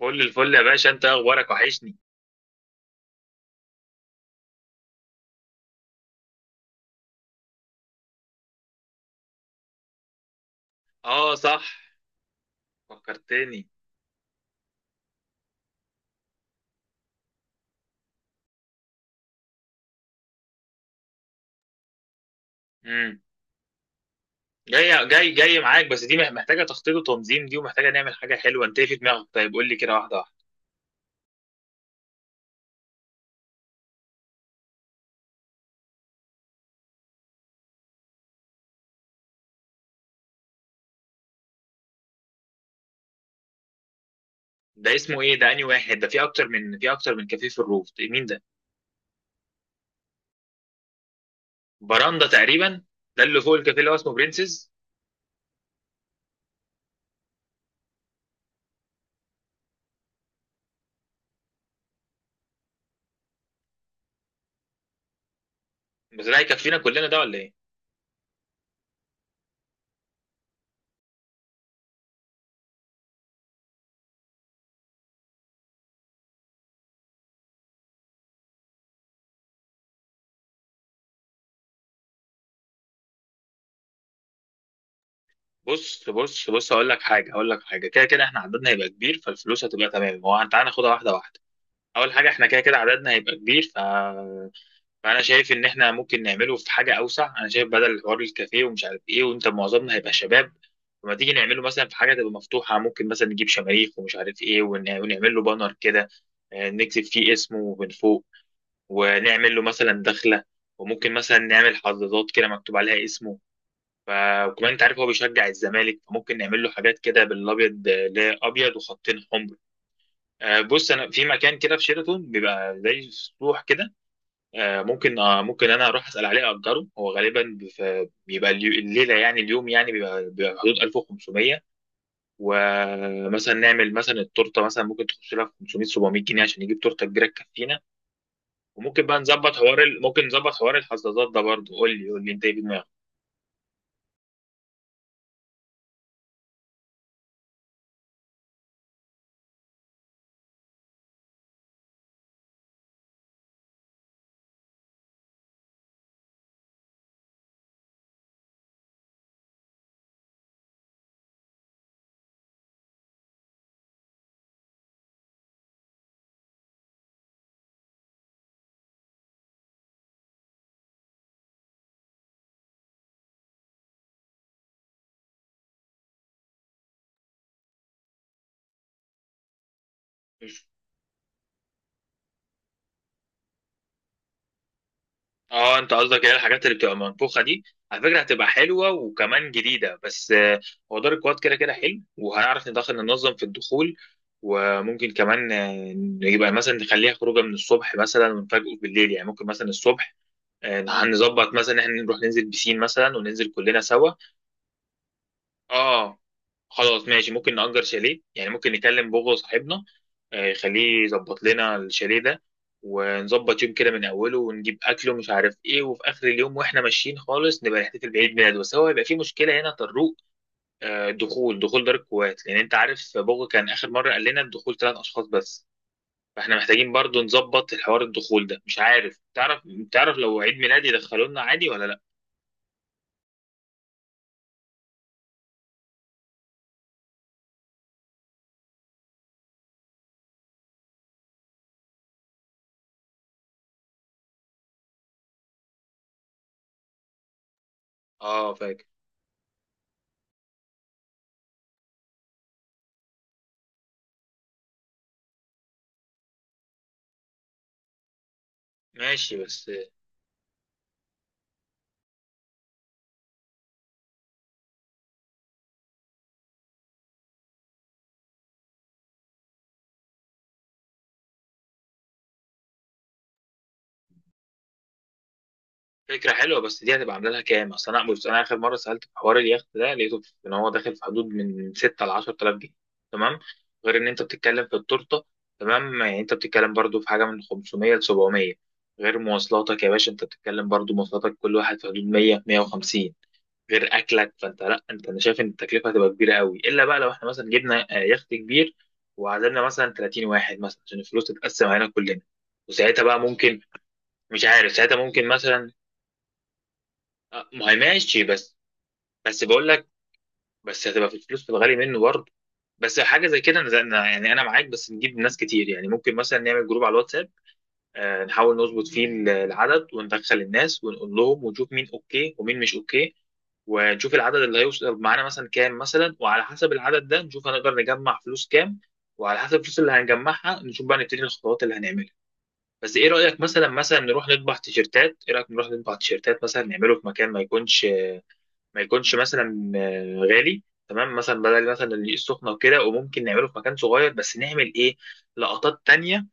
كل الفل يا باشا، انت اخبارك وحشني. اه صح، فكرتني. امم جاي جاي جاي معاك، بس دي محتاجه تخطيط وتنظيم، دي ومحتاجه نعمل حاجه حلوه. انت ايه في دماغك؟ طيب قول لي كده واحده واحده. ده اسمه ايه؟ ده انهي واحد؟ ده في اكتر من كافيه في الروف. ده مين ده؟ براندا تقريبا، ده اللي فوق الكافيه اللي هو اسمه برنسز. بس ده هيكفينا كلنا ده ولا ايه؟ بص بص بص، هقول لك حاجه، هقول لك حاجه. كده كده احنا عددنا هيبقى كبير، فالفلوس هتبقى تمام. هو تعالى ناخدها واحده واحده. اول حاجه، احنا كده كده عددنا هيبقى كبير، فانا شايف ان احنا ممكن نعمله في حاجه اوسع. انا شايف بدل حوار الكافيه ومش عارف ايه، وانت معظمنا هيبقى شباب. لما تيجي نعمله مثلا في حاجه تبقى مفتوحه، ممكن مثلا نجيب شماريخ ومش عارف ايه، ونعمل له بانر كده. نكتب فيه اسمه من فوق، ونعمل له مثلا دخله. وممكن مثلا نعمل حظاظات كده مكتوب عليها اسمه. ف- وكمان انت عارف هو بيشجع الزمالك، فممكن نعمل له حاجات كده بالابيض، اللي هي ابيض وخطين حمر. بص انا في مكان كده في شيراتون بيبقى زي سطوح كده. ممكن، ممكن انا اروح اسال عليه اجره. هو غالبا بيبقى الليله يعني اليوم، يعني بيبقى حدود 1500. ومثلا نعمل مثلا التورته، مثلا ممكن تخش لها في 500 700 جنيه عشان نجيب تورته كبيره تكفينا. وممكن بقى نظبط حوار ممكن نظبط حوار الحظاظات ده برضه. قول لي، قول لي انت ايه في دماغك. اه، انت قصدك ايه؟ الحاجات اللي بتبقى منفوخه دي؟ على فكره هتبقى حلوه وكمان جديده، بس هو دار الكواد كده كده حلو، وهنعرف ندخل ننظم في الدخول. وممكن كمان، يبقى مثلا نخليها خروجه من الصبح مثلا ونفاجئه بالليل. يعني ممكن مثلا الصبح، هنظبط مثلا ان احنا نروح ننزل بسين مثلا وننزل كلنا سوا. اه، خلاص ماشي، ممكن نأجر شاليه. يعني ممكن نكلم بوغو صاحبنا، يخليه يظبط لنا الشاليه ده. ونظبط يوم كده من اوله ونجيب اكل ومش عارف ايه، وفي اخر اليوم واحنا ماشيين خالص نبقى نحتفل بعيد ميلاده. بس هو هيبقى في مشكله هنا طروق، دخول دار الكويت. لان انت عارف بوغو كان اخر مره قال لنا الدخول ثلاث اشخاص بس. فاحنا محتاجين برضو نظبط الحوار الدخول ده. مش عارف، تعرف لو عيد ميلادي يدخلونا عادي ولا لا؟ اه، فاكر. ماشي بس. فكرة حلوة، بس دي هتبقى عاملة لها كام؟ أصل أنا بص، أنا آخر مرة سألت في حوار اليخت ده لقيته إن هو داخل في حدود من 6 ل 10,000 جنيه. تمام؟ غير إن أنت بتتكلم في التورتة، تمام؟ يعني أنت بتتكلم برضو في حاجة من 500 ل 700. غير مواصلاتك يا باشا، أنت بتتكلم برضو مواصلاتك كل واحد في حدود 100 150. غير أكلك، فأنت لأ، أنت أنا شايف إن التكلفة هتبقى كبيرة قوي. إلا بقى لو إحنا مثلا جبنا، يخت كبير وعزمنا مثلا 30 واحد مثلا عشان الفلوس تتقسم علينا كلنا، وساعتها بقى ممكن. مش عارف، ساعتها ممكن مثلا، ما هي ماشي. بس، بس بقول لك، بس هتبقى في الفلوس، في الغالي منه برضه. بس حاجه زي كده، يعني انا معاك. بس نجيب ناس كتير، يعني ممكن مثلا نعمل جروب على الواتساب، نحاول نظبط فيه العدد، وندخل الناس ونقول لهم ونشوف مين اوكي ومين مش اوكي. ونشوف العدد اللي هيوصل معانا مثلا كام مثلا، وعلى حسب العدد ده نشوف هنقدر نجمع فلوس كام. وعلى حسب الفلوس اللي هنجمعها نشوف بقى نبتدي الخطوات اللي هنعملها. بس ايه رايك، مثلا نروح نطبع تيشيرتات. ايه رايك نروح نطبع تيشيرتات مثلا، نعمله في مكان ما يكونش، ما يكونش مثلا غالي. تمام، مثلا بدل مثلا الدقيق السخنه وكده، وممكن نعمله في مكان صغير بس نعمل ايه؟ لقطات تانية،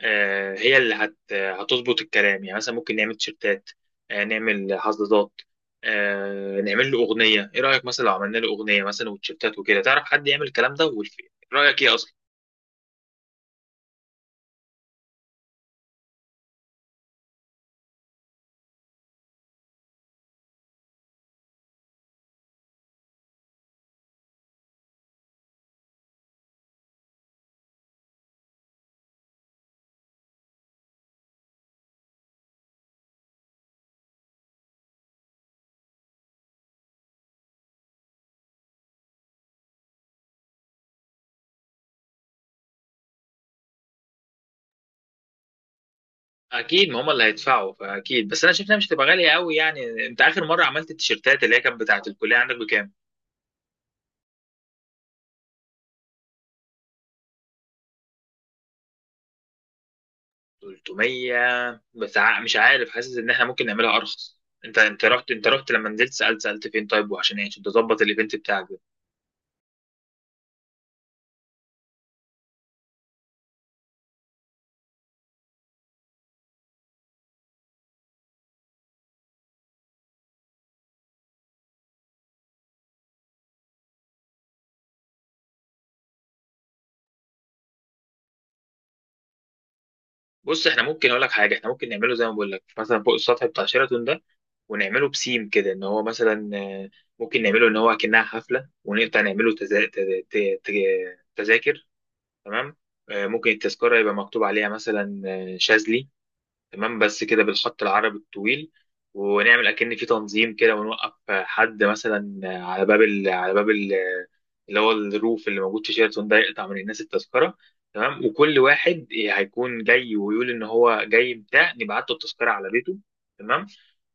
هي اللي هتظبط الكلام. يعني مثلا ممكن نعمل تيشيرتات، نعمل حظاظات، نعمل له اغنيه. ايه رايك مثلا لو عملنا له اغنيه مثلا وتيشيرتات وكده؟ تعرف حد يعمل الكلام ده؟ والف... رايك ايه اصلا؟ اكيد، ما هم اللي هيدفعوا فاكيد. بس انا شايف انها مش هتبقى غاليه قوي. يعني انت اخر مره عملت التيشيرتات اللي هي كانت بتاعه الكليه عندك بكام؟ 300 بس؟ مش عارف، حاسس ان احنا ممكن نعملها ارخص. انت رحت، انت رحت لما نزلت، سالت فين طيب؟ وعشان ايه؟ عشان تظبط الايفنت بتاعك ده؟ بص احنا ممكن، اقول لك حاجه، احنا ممكن نعمله زي ما بقول لك، مثلا فوق السطح بتاع شيراتون ده، ونعمله بسيم كده ان هو مثلا ممكن نعمله ان هو كأنها حفله، ونقطع نعمله تزا... تز- ت- ت- تذاكر. تمام؟ ممكن التذكره يبقى مكتوب عليها مثلا شاذلي. تمام، بس كده بالخط العربي الطويل. ونعمل اكن في تنظيم كده، ونوقف حد مثلا على باب على باب اللي هو الروف اللي موجود في شيراتون ده، يقطع من الناس التذكره. تمام، وكل واحد هيكون جاي ويقول ان هو جاي بتاع، نبعت له التذكره على بيته. تمام.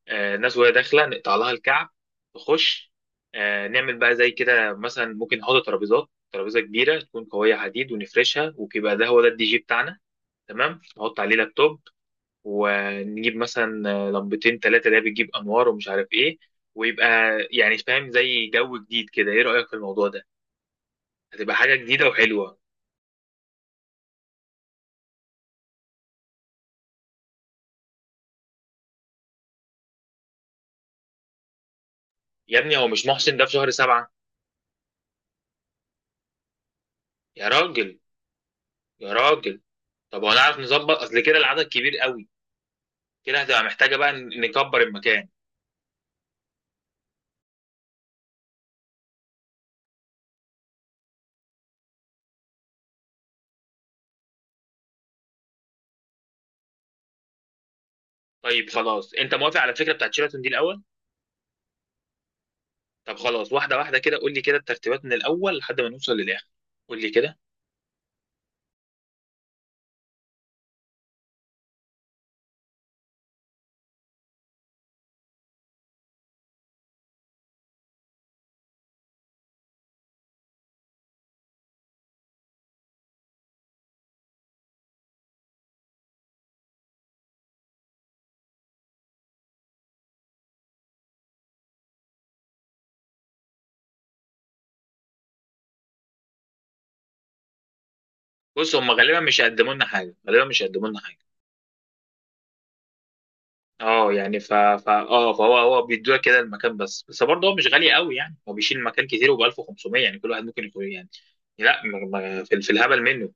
آه، الناس وهي داخله نقطع لها الكعب، تخش. آه، نعمل بقى زي كده، مثلا ممكن نحط ترابيزات، ترابيزه كبيره تكون قويه حديد ونفرشها، ويبقى ده هو ده الدي جي بتاعنا. تمام، نحط عليه لابتوب، ونجيب مثلا لمبتين ثلاثة ده، بتجيب أنوار ومش عارف إيه، ويبقى يعني فاهم زي جو جديد كده. إيه رأيك في الموضوع ده؟ هتبقى حاجة جديدة وحلوة. يا ابني هو مش محسن ده في شهر سبعة؟ يا راجل. يا راجل. طب هو نعرف نظبط؟ أصل كده العدد كبير قوي، كده هتبقى محتاجة بقى نكبر المكان. طيب خلاص، أنت موافق على الفكرة بتاعت شيراتون دي الأول؟ طب خلاص، واحدة واحدة كده، قول لي كده الترتيبات من الأول لحد ما نوصل للآخر، قول لي كده. بص هم غالبا مش هيقدموا لنا حاجة، غالبا مش هيقدموا لنا حاجة. اه يعني اه فهو، هو بيدوها كده المكان بس. بس برضه هو مش غالي قوي، يعني هو بيشيل مكان كتير وب 1500. يعني كل واحد ممكن يكون يعني. لا، في الهبل منه.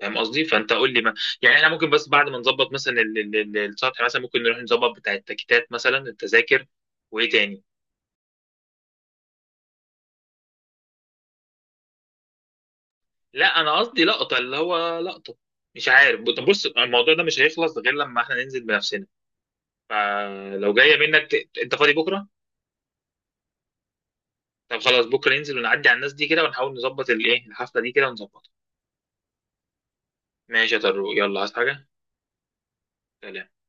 فاهم قصدي؟ فانت قول لي. ما يعني احنا ممكن، بس بعد ما نظبط مثلا السطح مثلا، ممكن نروح نظبط بتاع التكتات مثلا التذاكر. وايه تاني؟ لا، انا قصدي لقطه، اللي هو لقطه. مش عارف، طب بص الموضوع ده مش هيخلص غير لما احنا ننزل بنفسنا. فلو جايه منك انت فاضي بكره؟ طب خلاص، بكره ننزل ونعدي على الناس دي كده، ونحاول نظبط الايه الحفله دي كده ونظبطها. ماشي يا طارق، يلا عايز حاجة؟ سلام.